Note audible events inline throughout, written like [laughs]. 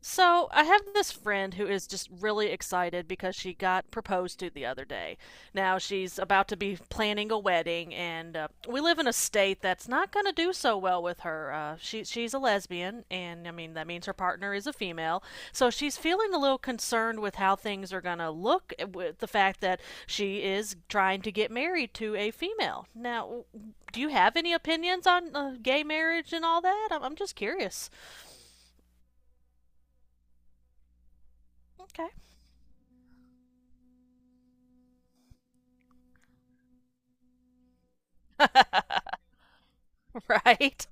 So, I have this friend who is just really excited because she got proposed to the other day. Now, she's about to be planning a wedding, and we live in a state that's not going to do so well with her. She's a lesbian, and I mean, that means her partner is a female. So, she's feeling a little concerned with how things are going to look with the fact that she is trying to get married to a female. Now, do you have any opinions on gay marriage and all that? I'm just curious. Okay. [laughs] [laughs] Right?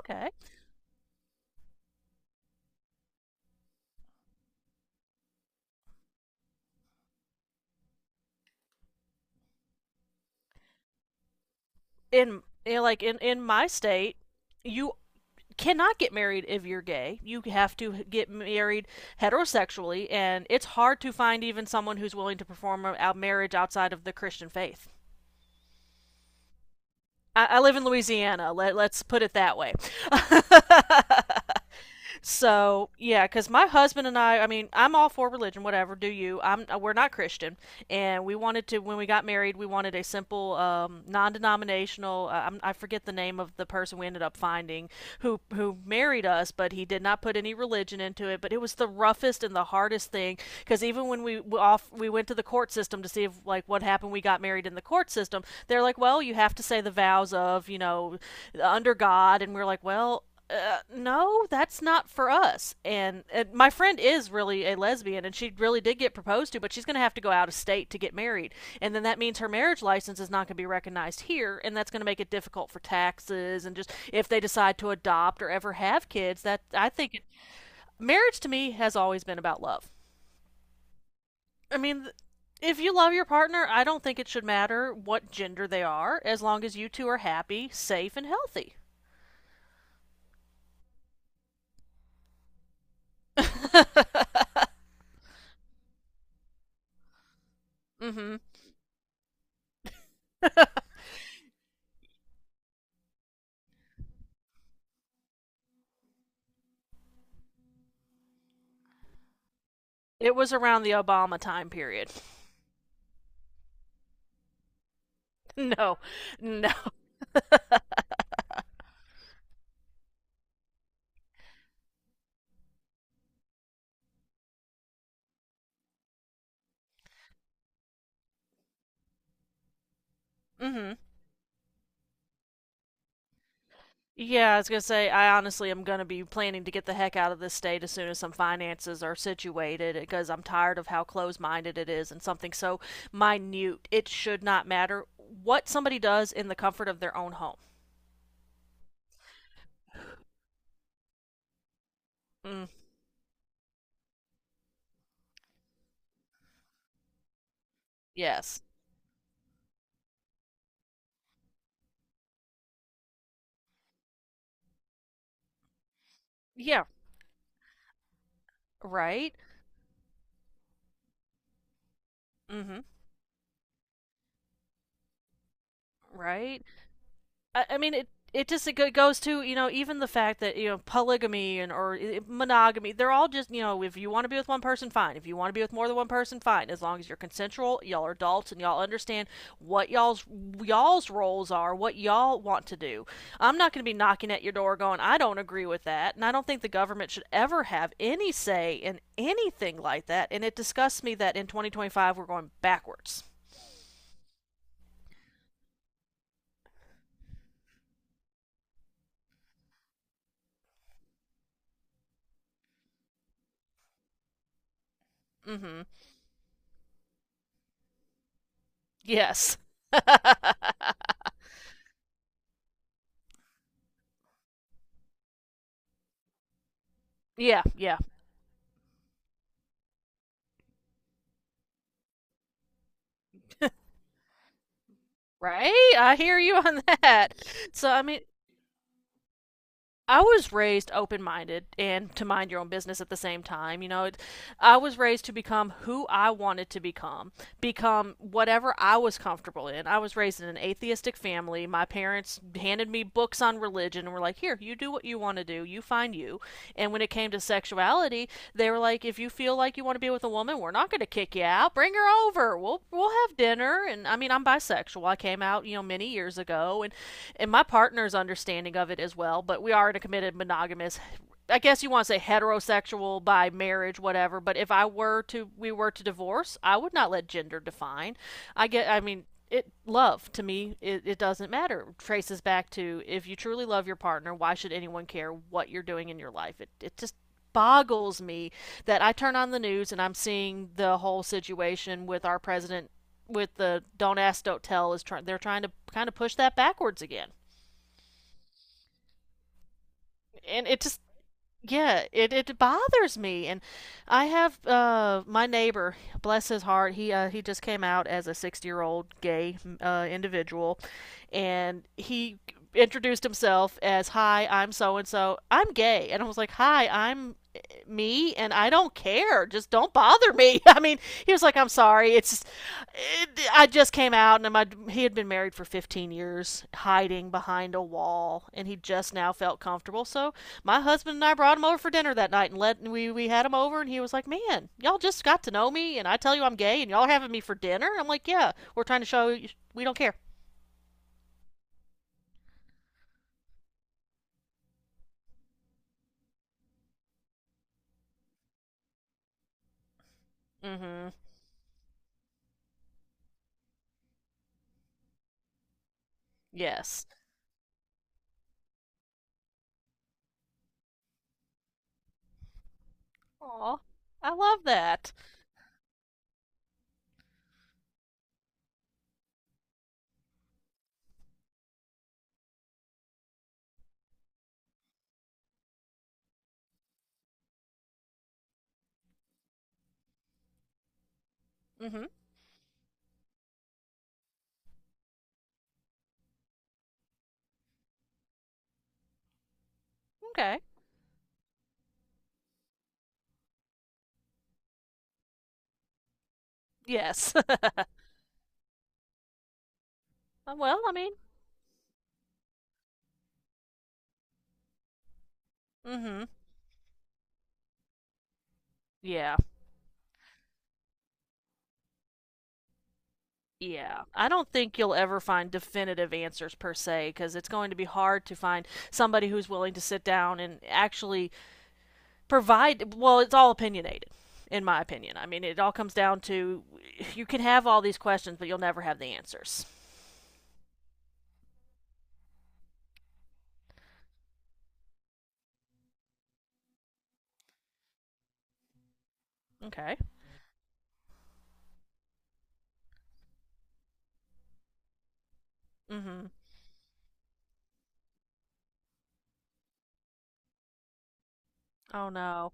Okay. In you know, like in my state, you cannot get married if you're gay. You have to get married heterosexually, and it's hard to find even someone who's willing to perform a marriage outside of the Christian faith. I live in Louisiana. Let's put it that way. [laughs] So yeah, because my husband and I mean, I'm all for religion, whatever. Do you? I'm. We're not Christian, and we wanted to when we got married, we wanted a simple, non-denominational. I forget the name of the person we ended up finding who married us, but he did not put any religion into it. But it was the roughest and the hardest thing because even when we off we went to the court system to see if like what happened. We got married in the court system. They're like, well, you have to say the vows of, you know, under God, and we're like, well, no, that's not for us. And my friend is really a lesbian, and she really did get proposed to, but she's going to have to go out of state to get married. And then that means her marriage license is not going to be recognized here, and that's going to make it difficult for taxes and just if they decide to adopt or ever have kids. That I think it, Marriage to me has always been about love. I mean, if you love your partner, I don't think it should matter what gender they are, as long as you two are happy, safe, and healthy. [laughs] Hmm. It was around the Obama time period. [laughs] No, no. Mm-hmm. Yeah, I was gonna say I honestly am gonna be planning to get the heck out of this state as soon as some finances are situated because I'm tired of how close-minded it is and something so minute. It should not matter what somebody does in the comfort of their own home. Mm, yes. Yeah. Right. Mm-hmm. Right. I mean, it goes to, you know, even the fact that, you know, polygamy and or monogamy, they're all just, you know, if you want to be with one person, fine. If you want to be with more than one person, fine, as long as you're consensual, y'all are adults and y'all understand what y'all's roles are, what y'all want to do. I'm not going to be knocking at your door going, I don't agree with that, and I don't think the government should ever have any say in anything like that. And it disgusts me that in 2025 we're going backwards. Mhm. Yes. Yeah, yeah. Right? I hear you on [laughs] that. So, I mean, I was raised open minded and to mind your own business at the same time. You know, I was raised to become who I wanted to become, whatever I was comfortable in. I was raised in an atheistic family. My parents handed me books on religion and were like, here, you do what you want to do, you find you. And when it came to sexuality, they were like, if you feel like you want to be with a woman, we're not going to kick you out. Bring her over. We'll have dinner. And I mean, I'm bisexual. I came out, you know, many years ago, and my partner's understanding of it as well. But we are in a committed monogamous, I guess you want to say, heterosexual by marriage, whatever. But if we were to divorce, I would not let gender define. I get. I mean, it love to me. It doesn't matter. It traces back to if you truly love your partner, why should anyone care what you're doing in your life? It just boggles me that I turn on the news and I'm seeing the whole situation with our president, with the don't ask don't tell. Is trying They're trying to kind of push that backwards again, and it just— Yeah, it bothers me. And I have my neighbor, bless his heart, he just came out as a 60-year-old gay individual, and he introduced himself as, "Hi, I'm so and so. I'm gay." And I was like, "Hi, I'm me, and I don't care. Just don't bother me." [laughs] I mean, he was like, "I'm sorry. I just came out." and my He had been married for 15 years, hiding behind a wall, and he just now felt comfortable. So, my husband and I brought him over for dinner that night, and we had him over, and he was like, "Man, y'all just got to know me and I tell you I'm gay and y'all are having me for dinner." I'm like, "Yeah, we're trying to show you we don't care." mm Mhm. Yes. Aw. I love that. Mm Mhm. Okay. Yes. [laughs] Well, I mean, mm mhm. Yeah. Yeah. I don't think you'll ever find definitive answers per se because it's going to be hard to find somebody who's willing to sit down and actually provide— well, it's all opinionated, in my opinion. I mean, it all comes down to, you can have all these questions but you'll never have the answers. Okay. Mhm. Oh no.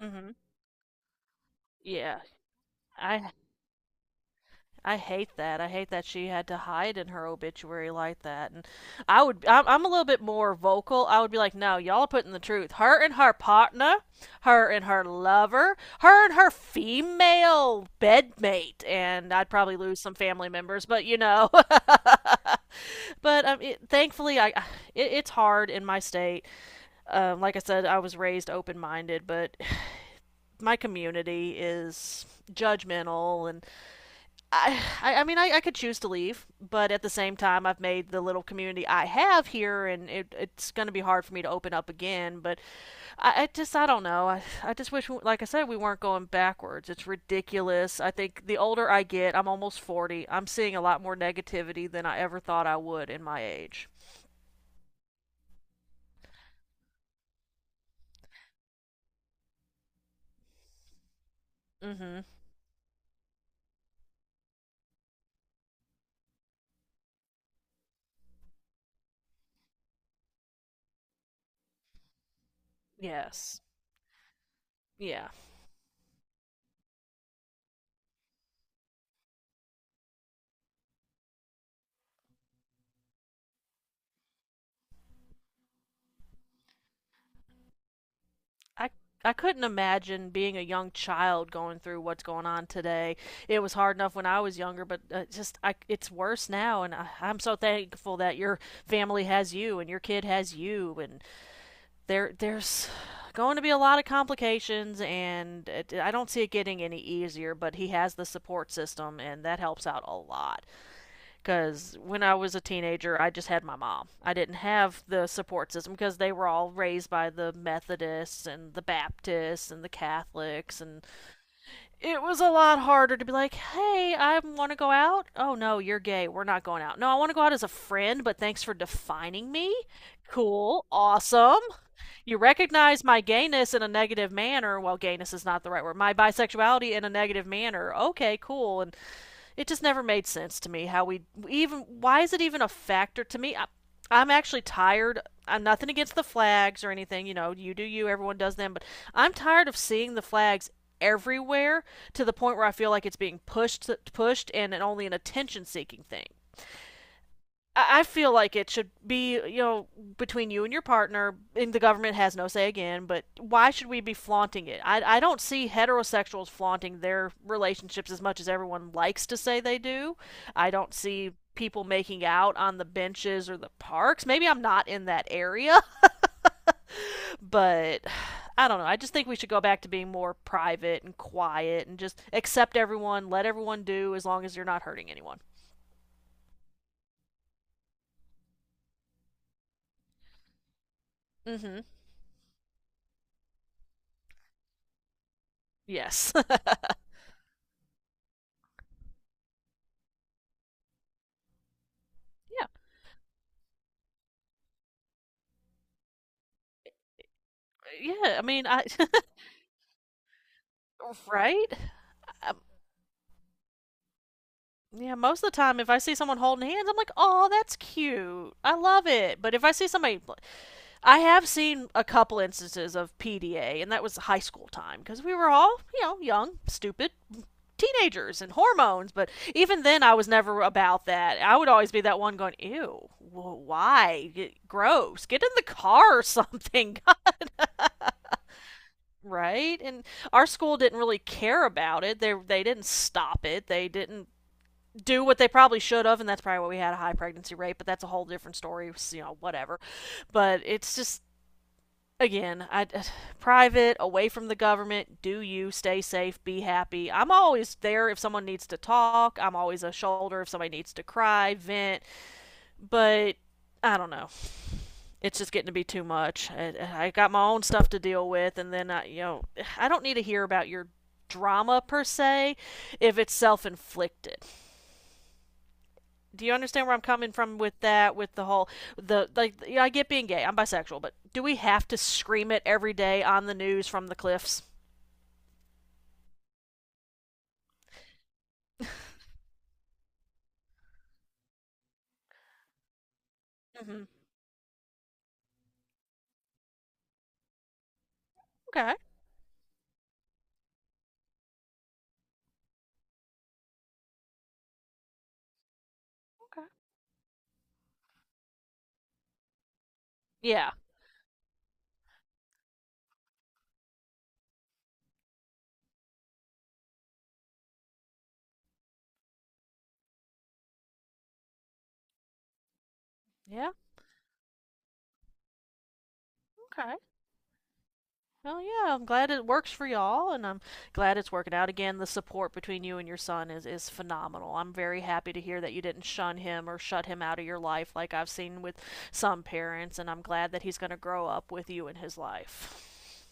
Mhm. Yeah. I i hate that. I hate that she had to hide in her obituary like that. And I'm a little bit more vocal. I would be like, no, y'all are putting the truth, her and her partner, her and her lover, her and her female bedmate. And I'd probably lose some family members, but you know. [laughs] But thankfully, I— [sighs] it's hard in my state. Like I said, I was raised open minded, but [sighs] my community is judgmental, and I— [sighs] I mean I could choose to leave, but at the same time, I've made the little community I have here, and it's going to be hard for me to open up again. But I just— I don't know. I just wish like I said, we weren't going backwards. It's ridiculous. I think the older I get, I'm almost 40. I'm seeing a lot more negativity than I ever thought I would in my age. Mm-hmm. Yes. Yeah. I I couldn't imagine being a young child going through what's going on today. It was hard enough when I was younger, but just I it's worse now, and I'm so thankful that your family has you and your kid has you, and there's going to be a lot of complications, and I don't see it getting any easier, but he has the support system and that helps out a lot. Because when I was a teenager, I just had my mom. I didn't have the support system because they were all raised by the Methodists and the Baptists and the Catholics. And it was a lot harder to be like, hey, I want to go out. Oh, no, you're gay. We're not going out. No, I want to go out as a friend, but thanks for defining me. Cool. Awesome. You recognize my gayness in a negative manner. Well, gayness is not the right word. My bisexuality in a negative manner. Okay, cool. And it just never made sense to me how we— even why is it even a factor to me? I'm actually tired. I'm— nothing against the flags or anything, you know, you do you, everyone does them, but I'm tired of seeing the flags everywhere to the point where I feel like it's being pushed and only an attention seeking thing. I feel like it should be, you know, between you and your partner, and the government has no say again, but why should we be flaunting it? I don't see heterosexuals flaunting their relationships as much as everyone likes to say they do. I don't see people making out on the benches or the parks. Maybe I'm not in that area, [laughs] but I don't know. I just think we should go back to being more private and quiet and just accept everyone, let everyone do as long as you're not hurting anyone. Mm hmm. Yes. [laughs] Yeah. Yeah. I mean, I— [laughs] Right? Um, yeah, most of the time, if I see someone holding hands, I'm like, oh, that's cute. I love it. But if I see somebody— I have seen a couple instances of PDA, and that was high school time because we were all, you know, young, stupid teenagers and hormones. But even then, I was never about that. I would always be that one going, ew, why? Get— gross. Get in the car or something. [laughs] Right? And our school didn't really care about it. They didn't stop it, they didn't do what they probably should have, and that's probably why we had a high pregnancy rate. But that's a whole different story. You know, whatever. But it's just, again, I— private, away from the government. Do you stay safe? Be happy. I'm always there if someone needs to talk. I'm always a shoulder if somebody needs to cry, vent. But I don't know. It's just getting to be too much. I got my own stuff to deal with, and then you know, I don't need to hear about your drama per se if it's self-inflicted. Do you understand where I'm coming from with that? With the whole, you know, I get being gay. I'm bisexual, but do we have to scream it every day on the news from the cliffs? Mm-hmm. Okay. Okay. Yeah. Yeah. Okay. Well, yeah. I'm glad it works for y'all, and I'm glad it's working out. Again, the support between you and your son is phenomenal. I'm very happy to hear that you didn't shun him or shut him out of your life like I've seen with some parents, and I'm glad that he's going to grow up with you in his life.